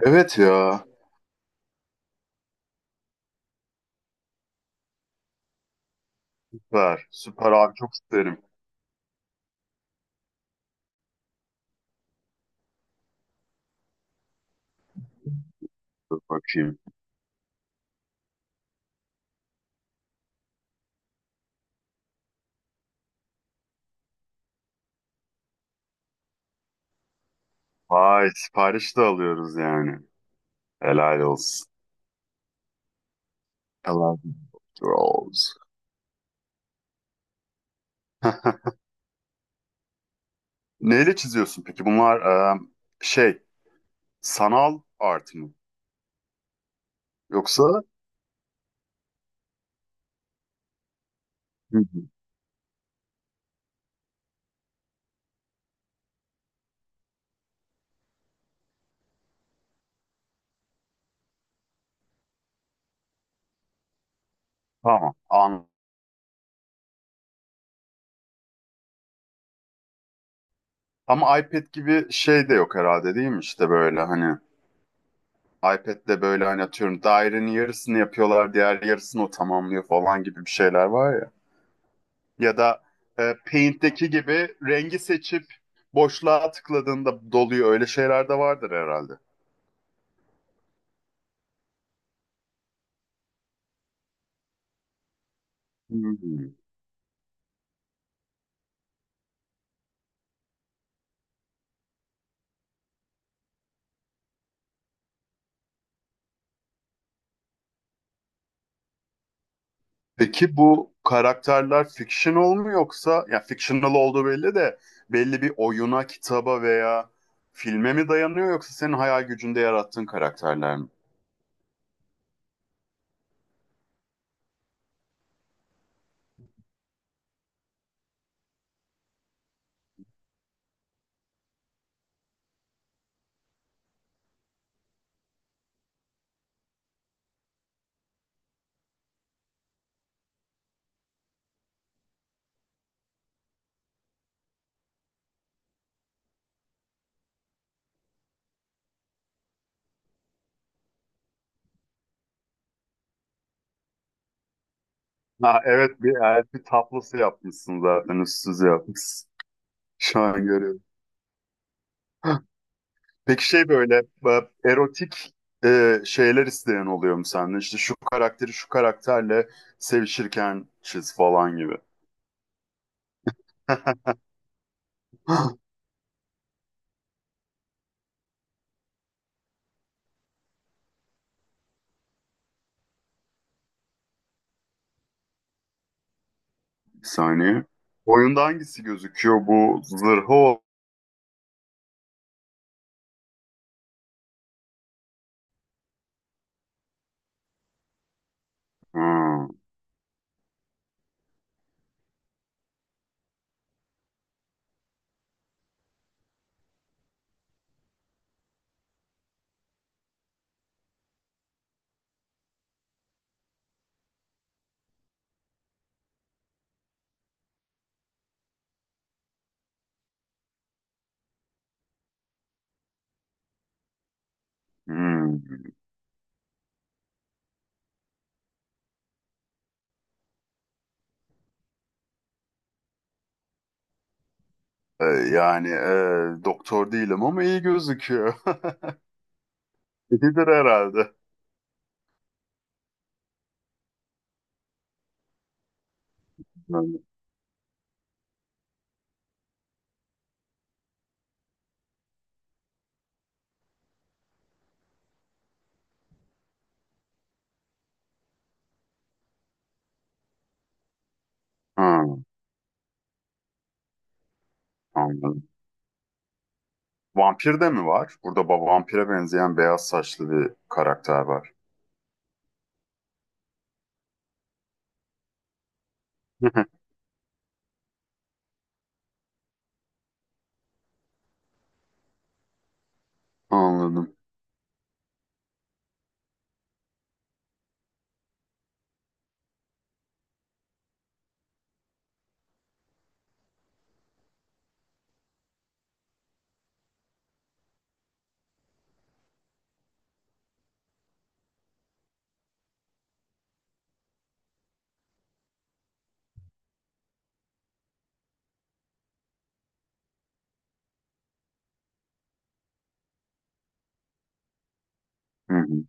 Evet ya. Süper. Süper abi, çok isterim. Dur bakayım. Vay, sipariş de alıyoruz yani. Helal olsun. Helal olsun. Neyle çiziyorsun peki? Bunlar e, şey, sanal art mı? Yoksa? Hı hı. Tamam. An ama iPad gibi şey de yok herhalde, değil mi? İşte böyle hani iPad'de böyle hani atıyorum dairenin yarısını yapıyorlar, diğer yarısını o tamamlıyor falan gibi bir şeyler var ya. Ya da Paint'teki gibi rengi seçip boşluğa tıkladığında doluyor. Öyle şeyler de vardır herhalde. Hmm. Peki bu karakterler fictional mu, yoksa ya fictional olduğu belli de belli bir oyuna, kitaba veya filme mi dayanıyor, yoksa senin hayal gücünde yarattığın karakterler mi? Ha evet, bir elfi tablosu yapmışsın, zaten üstsüz yapmışsın. Şu an görüyorum. Peki şey böyle erotik, şeyler isteyen oluyor mu senden? İşte şu karakteri şu karakterle sevişirken çiz falan gibi. Bir saniye. Oyunda hangisi gözüküyor? Bu zırhı o. Hmm, hmm. Yani, doktor değilim ama iyi gözüküyor. İyidir herhalde. Yani, hmm, anladım. Vampir de mi var? Burada vampire benzeyen beyaz saçlı bir karakter var. Anladım. Hı hı.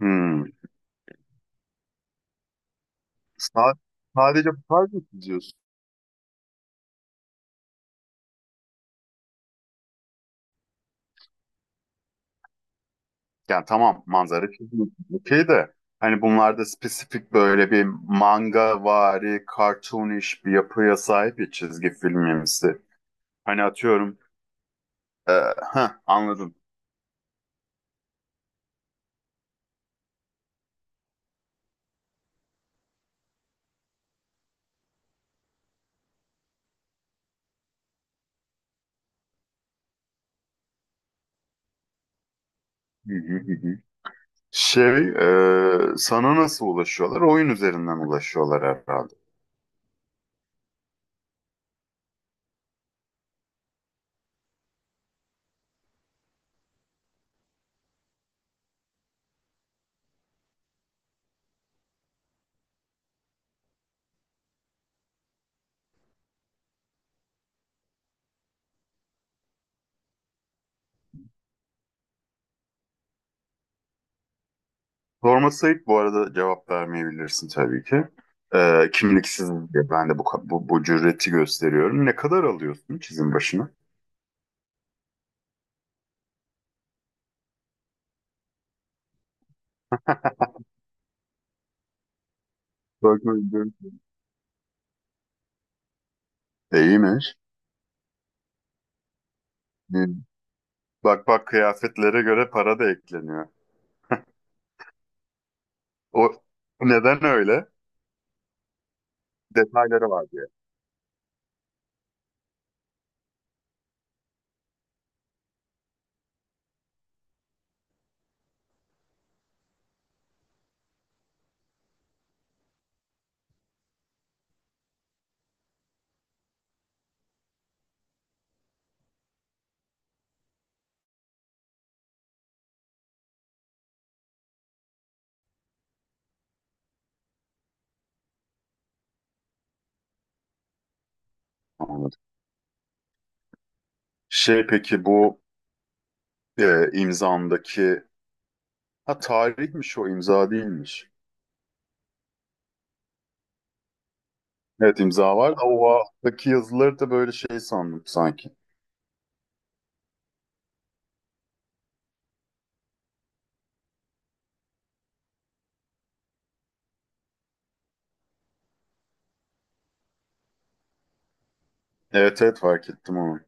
Hmm. Sa- sadece park mı çiziyorsun? Yani tamam, manzara çiziyorsun. Okey de hani bunlarda spesifik böyle bir manga vari, cartoonish bir yapıya sahip ya, çizgi filmimsi. Hani atıyorum e, anladım. Hı hı, hı hı. Şey, sana nasıl ulaşıyorlar? Oyun üzerinden ulaşıyorlar herhalde. Sorması ayıp bu arada, cevap vermeyebilirsin tabii ki. E, kimliksiz diye ben de bu cüreti gösteriyorum. Ne kadar alıyorsun çizim başına? Bakma. E, İyiymiş. Bir- Bak bak, kıyafetlere göre para da ekleniyor. O neden öyle? Detayları var diye. Anladım. Şey peki bu imzandaki, ha tarihmiş, o imza değilmiş. Evet imza var da o alttaki yazıları da böyle şey sandım sanki. Evet evet, fark ettim onu.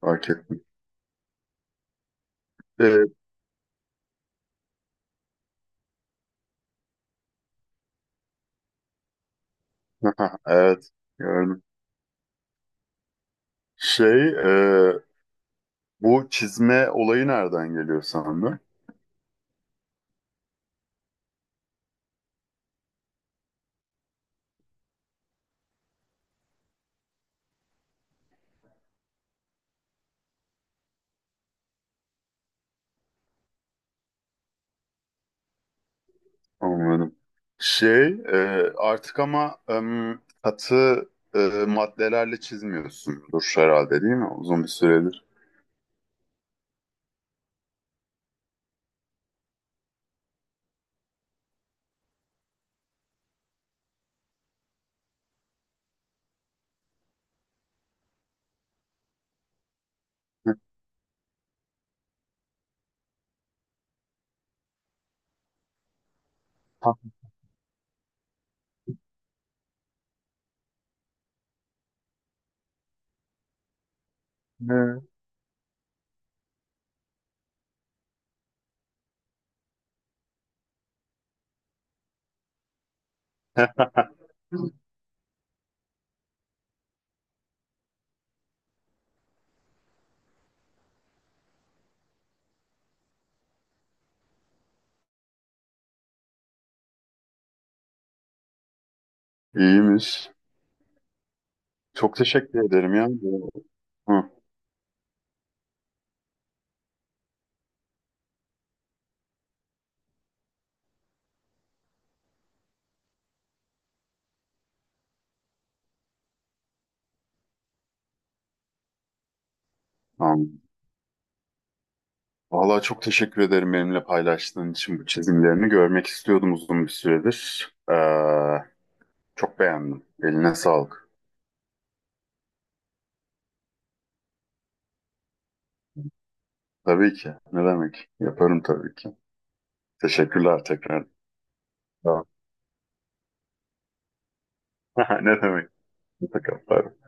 Fark ettim. Evet. Evet, gördüm. Şey, e, bu çizme olayı nereden geliyor sandın? Anladım. Şey, artık ama katı e, maddelerle çizmiyorsundur herhalde, değil mi? Uzun bir süredir. Ha, e, İyiymiş. Çok teşekkür ederim ya. Hı, tamam. Vallahi çok teşekkür ederim benimle paylaştığın için bu çizimlerini. Görmek istiyordum uzun bir süredir. Çok beğendim. Eline sağlık. Tabii ki. Ne demek? Yaparım tabii ki. Teşekkürler tekrar. Tamam. Ne demek? Hoşça kal. Bay bay.